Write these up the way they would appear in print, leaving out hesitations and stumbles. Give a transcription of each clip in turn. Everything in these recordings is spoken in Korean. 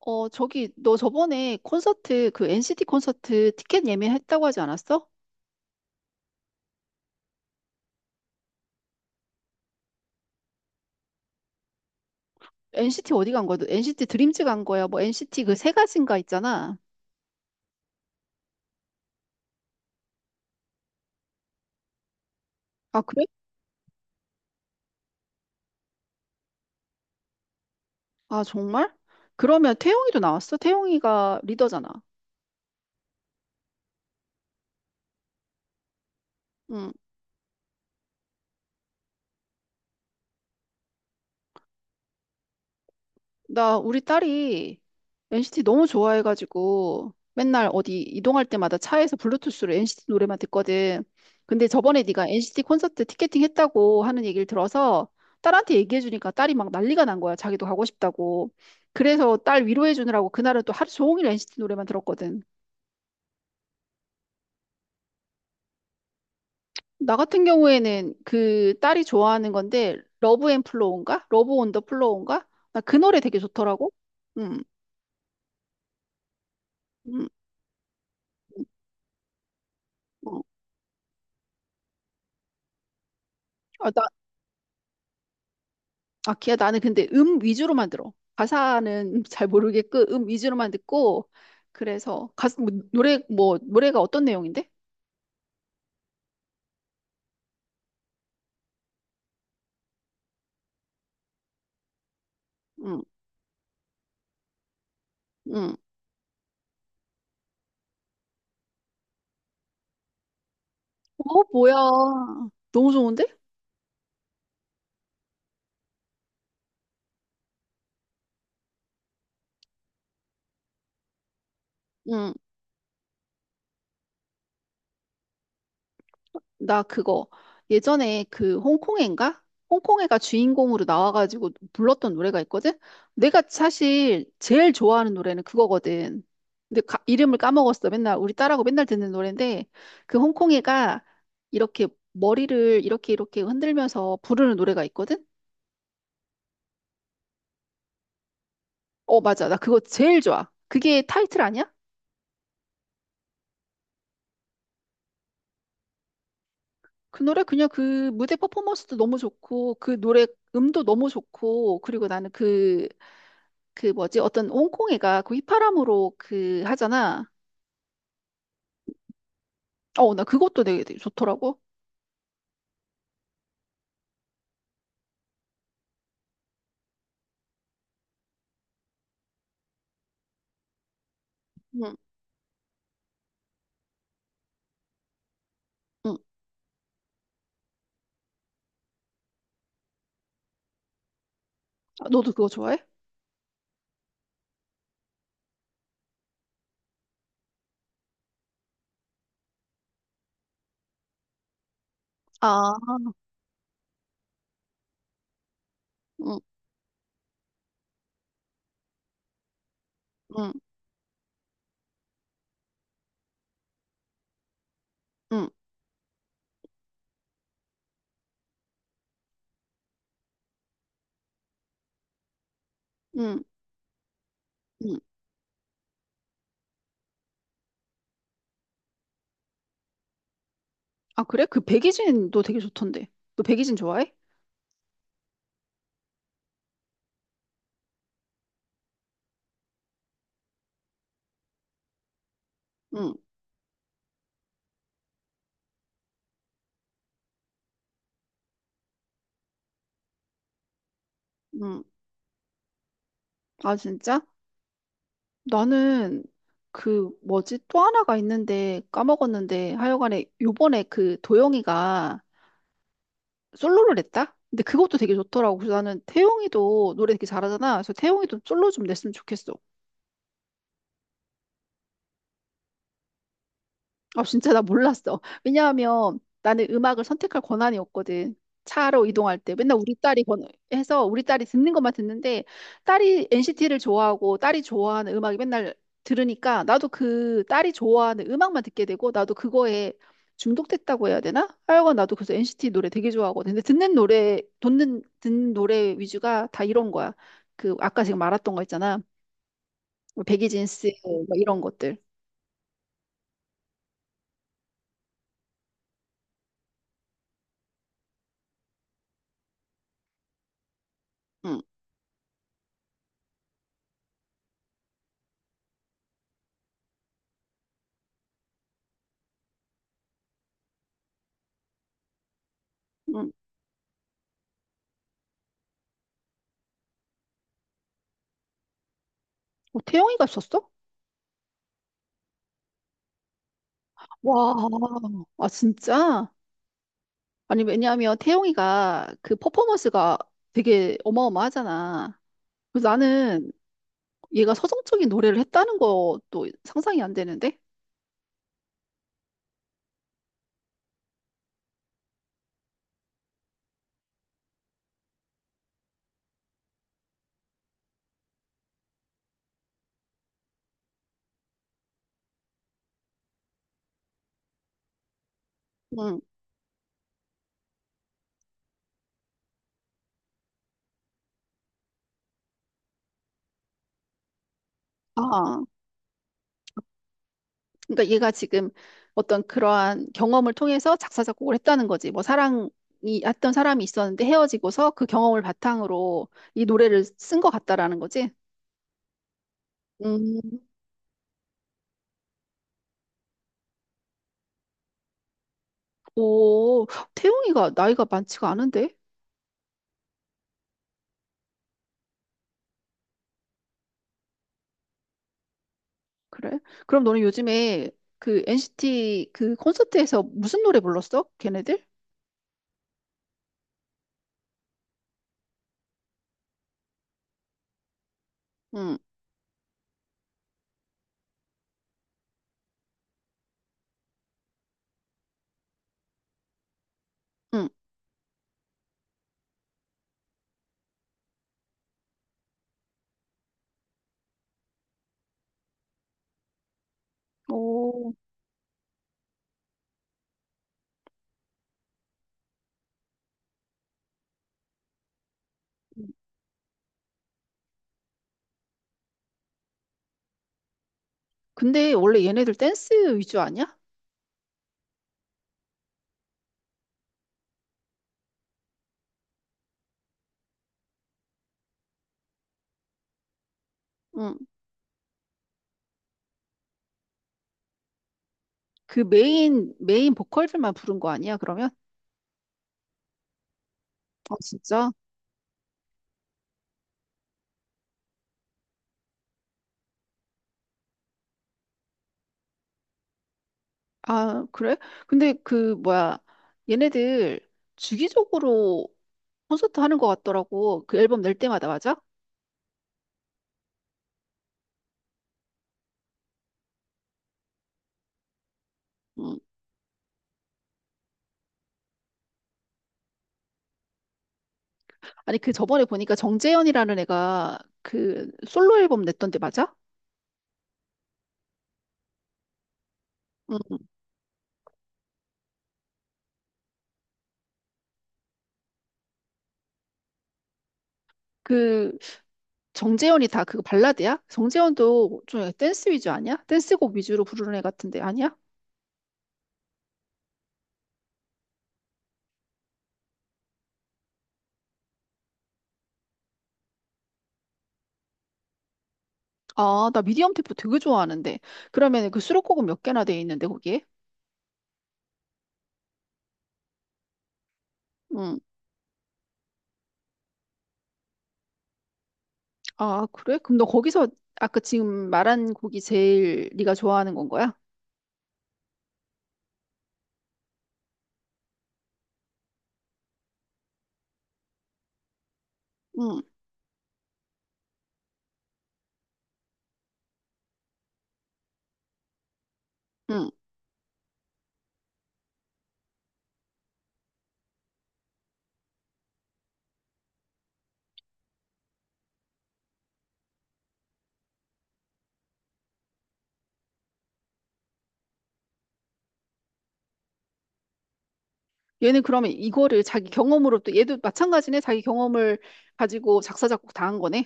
저기, 너 저번에 콘서트, 그 NCT 콘서트 티켓 예매했다고 하지 않았어? NCT 어디 간 거야? 너 NCT 드림즈 간 거야? 뭐 NCT 그 세 가지인가 있잖아. 아, 그래? 아, 정말? 그러면 태용이도 나왔어? 태용이가 리더잖아. 응. 나 우리 딸이 NCT 너무 좋아해가지고 맨날 어디 이동할 때마다 차에서 블루투스로 NCT 노래만 듣거든. 근데 저번에 네가 NCT 콘서트 티켓팅 했다고 하는 얘기를 들어서 딸한테 얘기해주니까 딸이 막 난리가 난 거야. 자기도 가고 싶다고. 그래서 딸 위로해주느라고 그날은 또 하루 종일 NCT 노래만 들었거든. 나 같은 경우에는 그 딸이 좋아하는 건데 러브 앤 플로우인가? 러브 온 더 플로우인가? 나 그 노래 되게 좋더라고. 음, 음, 음. 음. 어. 아, 나 아, 기야 나는 근데 위주로만 들어. 가사는 잘 모르겠고 위주로만 듣고 그래서 가사 뭐, 노래 뭐 노래가 어떤 내용인데? 응, 응. 어, 뭐야. 너무 좋은데? 응. 나 그거 예전에 그 홍콩애인가? 홍콩애가 주인공으로 나와가지고 불렀던 노래가 있거든? 내가 사실 제일 좋아하는 노래는 그거거든. 근데 이름을 까먹었어. 맨날 우리 딸하고 맨날 듣는 노래인데 그 홍콩애가 이렇게 머리를 이렇게 이렇게 흔들면서 부르는 노래가 있거든? 어, 맞아. 나 그거 제일 좋아. 그게 타이틀 아니야? 그 노래 그냥 그 무대 퍼포먼스도 너무 좋고 그 노래 음도 너무 좋고 그리고 나는 그 뭐지? 어떤 옹콩이가 그 휘파람으로 그 하잖아. 어, 나 그것도 되게, 되게 좋더라고. 응, 응. 아, 너도 그거 좋아해? 아, 응, 응, 응, 응, 응. 아, 그래? 그 백이진도 되게 좋던데. 너 백이진 좋아해? 응, 응. 아, 진짜? 나는 그 뭐지? 또 하나가 있는데 까먹었는데 하여간에 요번에 그 도영이가 솔로를 냈다? 근데 그것도 되게 좋더라고. 그래서 나는 태용이도 노래 되게 잘하잖아. 그래서 태용이도 솔로 좀 냈으면 좋겠어. 아, 진짜 나 몰랐어. 왜냐하면 나는 음악을 선택할 권한이 없거든. 차로 이동할 때 맨날 우리 딸이 권- 해서 우리 딸이 듣는 것만 듣는데 딸이 NCT를 좋아하고 딸이 좋아하는 음악이 맨날 들으니까 나도 그 딸이 좋아하는 음악만 듣게 되고 나도 그거에 중독됐다고 해야 되나? 하여간 나도 그래서 NCT 노래 되게 좋아하거든. 근데 듣는 노래, 듣는 노래 위주가 다 이런 거야. 그 아까 지금 말했던 거 있잖아. 뭐 백이진스 뭐 이런 것들. 응. 응. 어, 태영이가 있었어? 와, 아, 진짜? 아니, 왜냐하면 태용이가 그 퍼포먼스가 되게 어마어마하잖아. 그래서 나는 얘가 서정적인 노래를 했다는 것도 상상이 안 되는데? 응. 아, 그러니까 얘가 지금 어떤 그러한 경험을 통해서 작사, 작곡을 했다는 거지. 뭐 사랑이, 했던 사람이 있었는데 헤어지고서 그 경험을 바탕으로 이 노래를 쓴 것 같다라는 거지. 음. 오, 태용이가 나이가 많지가 않은데? 그래? 그럼 너는 요즘에 그 NCT 그 콘서트에서 무슨 노래 불렀어? 걔네들? 응, 응. 오, 근데 원래 얘네들 댄스 위주 아니야? 응. 그 메인 보컬들만 부른 거 아니야, 그러면? 아, 진짜? 아, 그래? 근데 그, 뭐야, 얘네들 주기적으로 콘서트 하는 것 같더라고. 그 앨범 낼 때마다, 맞아? 응. 아니, 그 저번에 보니까 정재현이라는 애가 그 솔로 앨범 냈던데, 맞아? 응. 그 정재현이 다 그거 발라드야? 정재현도 좀 약간 댄스 위주 아니야? 댄스곡 위주로 부르는 애 같은데 아니야? 아, 나 미디엄 템포 되게 좋아하는데. 그러면 그 수록곡은 몇 개나 돼 있는데 거기에? 응. 아, 그래? 그럼 너 거기서 아까 지금 말한 곡이 제일 네가 좋아하는 건 거야? 응. 응. 얘는 그러면 이거를 자기 경험으로 또 얘도 마찬가지네. 자기 경험을 가지고 작사 작곡 다 한 거네.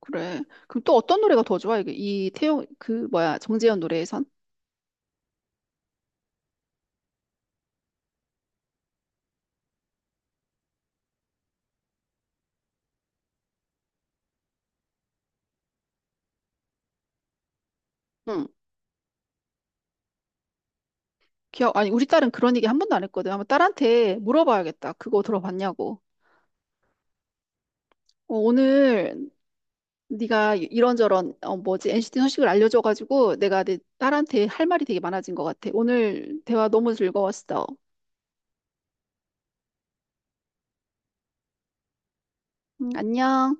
그래. 그럼 또 어떤 노래가 더 좋아? 이게 이 태용 그 뭐야 정재현 노래에선? 응. 아니, 우리 딸은 그런 얘기 한 번도 안 했거든. 아마 딸한테 물어봐야겠다. 그거 들어봤냐고. 어, 오늘 네가 이런저런, 뭐지, NCT 소식을 알려줘가지고 내가 내 딸한테 할 말이 되게 많아진 것 같아. 오늘 대화 너무 즐거웠어. 안녕.